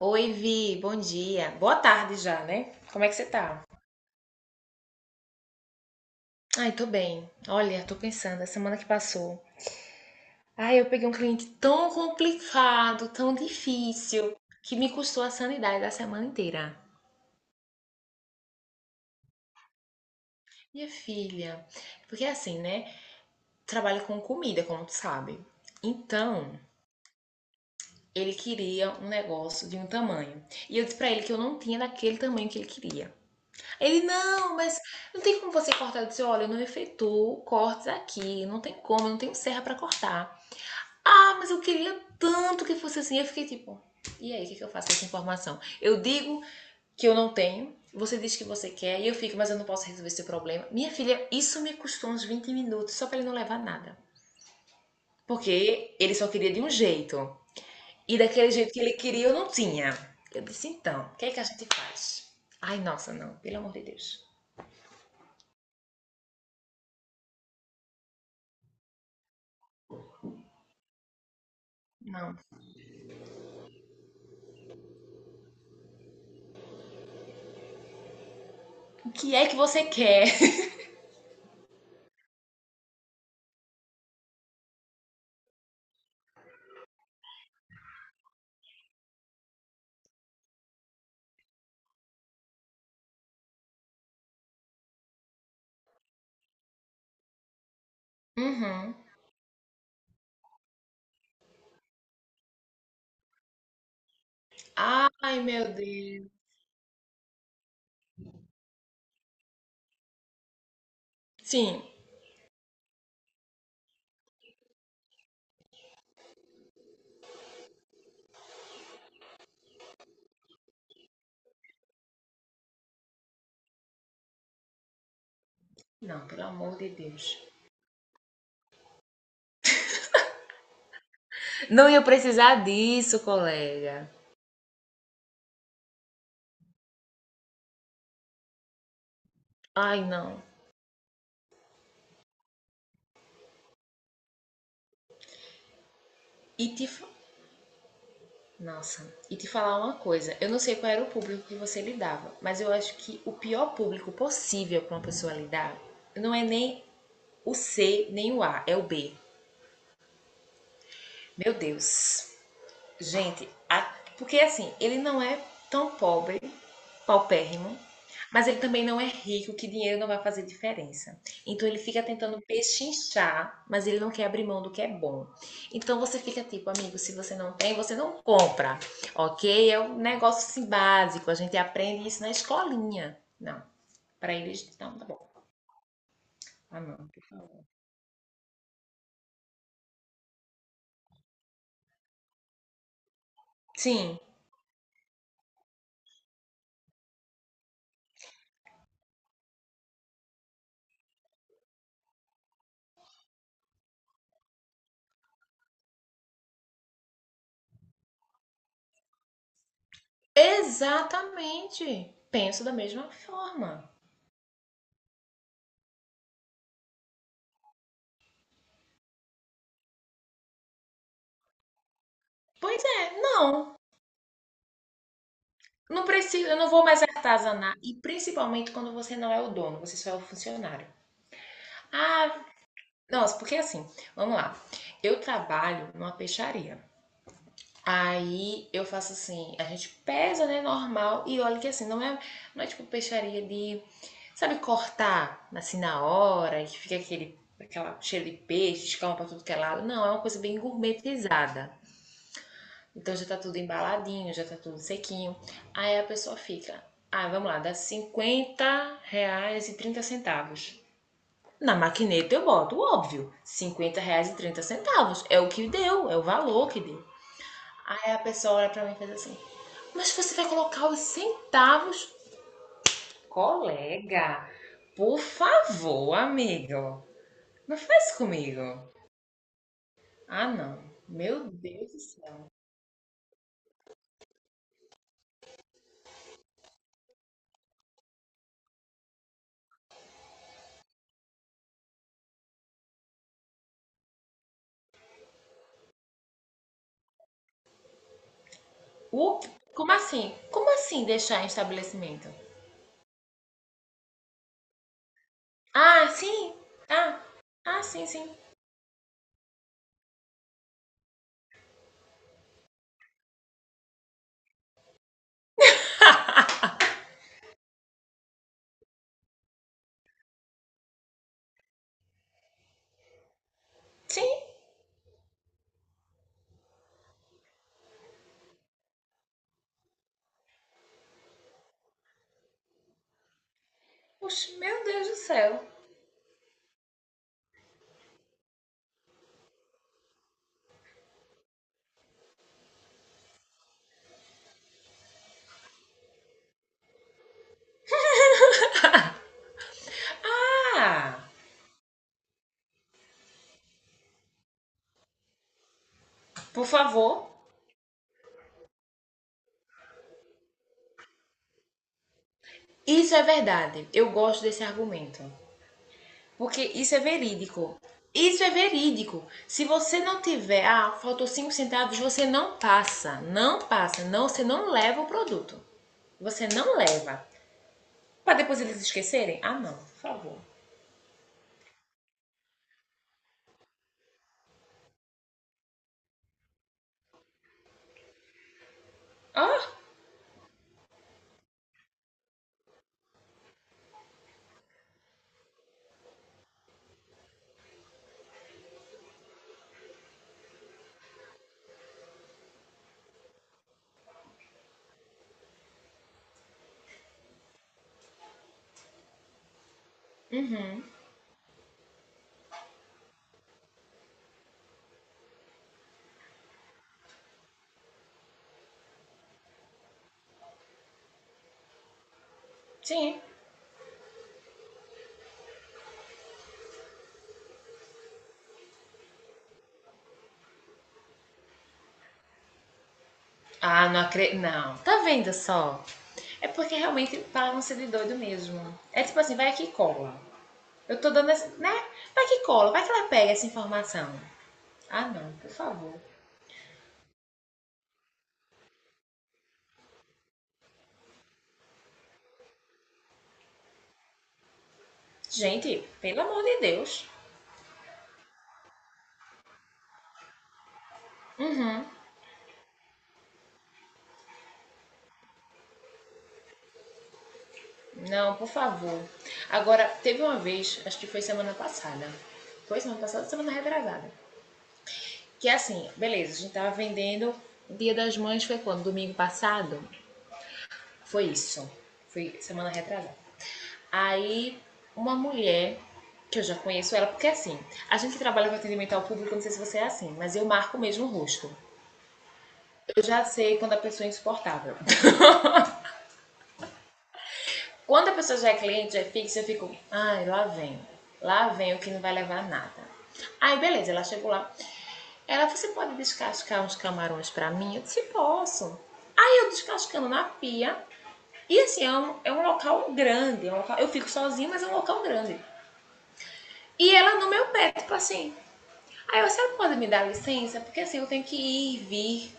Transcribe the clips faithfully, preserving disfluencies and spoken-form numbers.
Oi, Vi, bom dia. Boa tarde já, né? Como é que você tá? Ai, tô bem. Olha, tô pensando, a semana que passou. Ai, eu peguei um cliente tão complicado, tão difícil, que me custou a sanidade da semana inteira. Minha filha, porque assim, né? Trabalho com comida, como tu sabe. Então, ele queria um negócio de um tamanho. E eu disse pra ele que eu não tinha daquele tamanho que ele queria. Ele, não, mas não tem como você cortar. Eu disse, olha, eu não efetuo cortes aqui, não tem como, eu não tenho serra pra cortar. Ah, mas eu queria tanto que fosse assim. Eu fiquei tipo, e aí, o que, que eu faço com essa informação? Eu digo que eu não tenho, você diz que você quer, e eu fico, mas eu não posso resolver seu problema. Minha filha, isso me custou uns vinte minutos só pra ele não levar nada. Porque ele só queria de um jeito. E daquele jeito que ele queria, eu não tinha. Eu disse, então, o que é que a gente faz? Ai, nossa, não, pelo amor de Deus. Não, o que é que você quer? Uhum. Ai, meu Deus. Sim. Não, pelo amor de Deus. Não ia precisar disso, colega. Ai, não. E te. fa- Nossa, e te falar uma coisa. Eu não sei qual era o público que você lidava, mas eu acho que o pior público possível para uma pessoa lidar não é nem o cê, nem o A, é o bê. Meu Deus. Gente, a- porque assim, ele não é tão pobre paupérrimo, mas ele também não é rico, que dinheiro não vai fazer diferença. Então ele fica tentando pechinchar, mas ele não quer abrir mão do que é bom. Então você fica tipo, amigo, se você não tem, você não compra, ok? É um negócio assim, básico, a gente aprende isso na escolinha. Não, para eles, não, tá bom. Ah, não. Sim, exatamente. Penso da mesma forma. Pois é, não. Não preciso, eu não vou mais artesanar. E principalmente quando você não é o dono, você só é o funcionário. Ah, nossa, porque assim, vamos lá. Eu trabalho numa peixaria. Aí eu faço assim, a gente pesa, né, normal, e olha que assim, não é, não é tipo peixaria de, sabe, cortar assim na hora, e que fica aquele aquela cheiro de peixe, escama pra tudo que é lado. Não, é uma coisa bem gourmetizada. Então já tá tudo embaladinho, já tá tudo sequinho. Aí a pessoa fica, ah, vamos lá, dá cinquenta reais e trinta centavos. Na maquineta eu boto, óbvio, cinquenta reais e trinta centavos. É o que deu, é o valor que deu. Aí a pessoa olha pra mim e faz assim, mas você vai colocar os centavos? Colega, por favor, amigo, não faz isso comigo. Ah, não. Meu Deus do céu. O- Como assim? Como assim deixar em estabelecimento? Ah, sim. Ah, ah, sim, sim. Sim. Oxe, meu Deus do céu. Ah, por favor, isso é verdade. Eu gosto desse argumento. Porque isso é verídico. Isso é verídico. Se você não tiver, ah, faltou cinco centavos, você não passa. Não passa. Não, você não leva o produto. Você não leva. Para depois eles esquecerem? Ah, não, por favor. Ah, sim. Ah, não acredito. Não. Tá vendo só? É porque realmente pagam ser de doido mesmo. É tipo assim, vai aqui e cola. Eu tô dando essa. Né? Vai que cola, vai que ela pega essa informação. Ah, não, por favor. Gente, pelo amor de Deus. Uhum. Não, por favor. Agora, teve uma vez, acho que foi semana passada. Foi semana passada, semana retrasada. Que é assim, beleza, a gente tava vendendo. O Dia das Mães foi quando? Domingo passado? Foi isso. Foi semana retrasada. Aí, uma mulher que eu já conheço ela, porque assim, a gente que trabalha com atendimento ao público, não sei se você é assim, mas eu marco mesmo o rosto. Eu já sei quando a pessoa é insuportável. Quando a pessoa já é cliente, já é fixa, eu fico, ai, lá vem. Lá vem o que não vai levar nada. Aí, beleza, ela chegou lá. Ela, você pode descascar uns camarões pra mim? Eu disse, posso. Aí eu descascando na pia. E assim, é um, é um local grande. É um local- eu fico sozinha, mas é um local grande. E ela no meu pé, tipo assim, Aí eu, a pode me dar licença? Porque assim, eu tenho que ir e vir.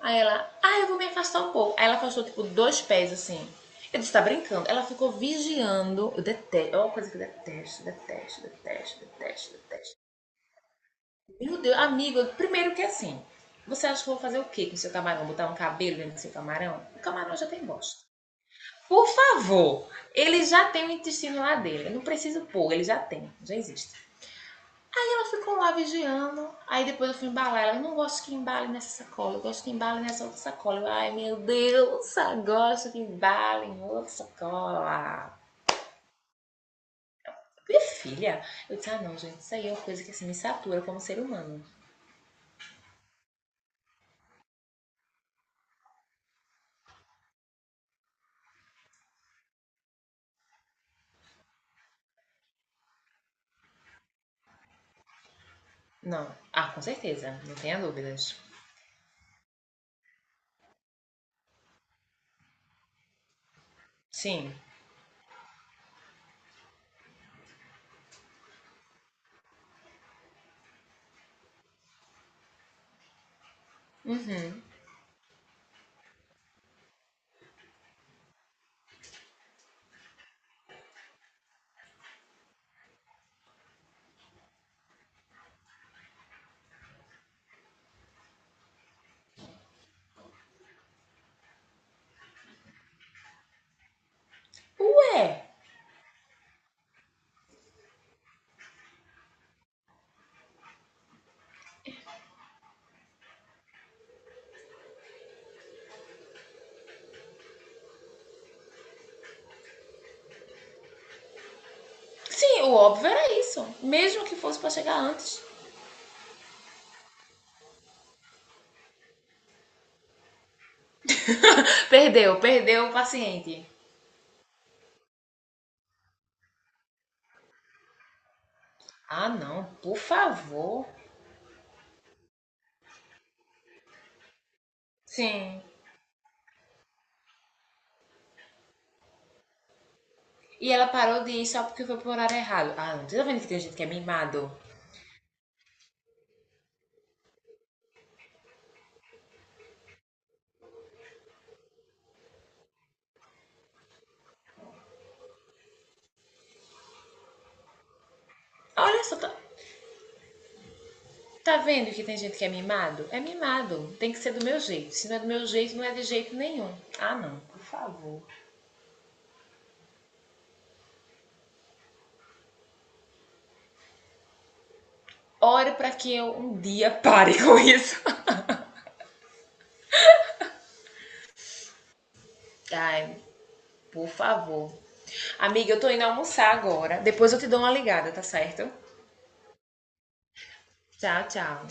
Aí ela, ah, eu vou me afastar um pouco. Aí ela afastou, tipo, dois pés, assim. Eu disse, tá brincando? Ela ficou vigiando. Eu detesto, é uma coisa que eu detesto, detesto, detesto, detesto, detesto. Meu Deus, amigo, primeiro que assim, você acha que eu vou fazer o quê com o seu camarão? Botar um cabelo dentro do seu camarão? O camarão já tem bosta. Por favor, ele já tem o intestino lá dele. Eu não preciso pôr, ele já tem, já existe. Ela ficou lá vigiando. Aí depois eu fui embalar. Ela, eu não gosto que embale nessa sacola. Eu gosto que embale nessa outra sacola. Eu, ai, meu Deus, agora isso que embale em outra sacola. Minha filha. Eu disse, ah, não, gente, isso aí é uma coisa que assim, me satura como ser humano. Não. Ah, com certeza. Não tenha dúvidas. Sim. Uhum. Ué. Sim, o óbvio era isso. Mesmo que fosse pra chegar antes. Perdeu, perdeu o paciente. Ah, não. Por favor. Sim. E ela parou de ir só porque foi pro horário errado. Ah, não. Você tá vendo que tem gente que é mimado? Olha só, tá, tá vendo que tem gente que é mimado? É mimado. Tem que ser do meu jeito. Se não é do meu jeito, não é de jeito nenhum. Ah, não. Por favor. Ore pra que eu um dia pare com isso. Ai, por favor. Amiga, eu tô indo almoçar agora. Depois eu te dou uma ligada, tá certo? Tchau, tchau.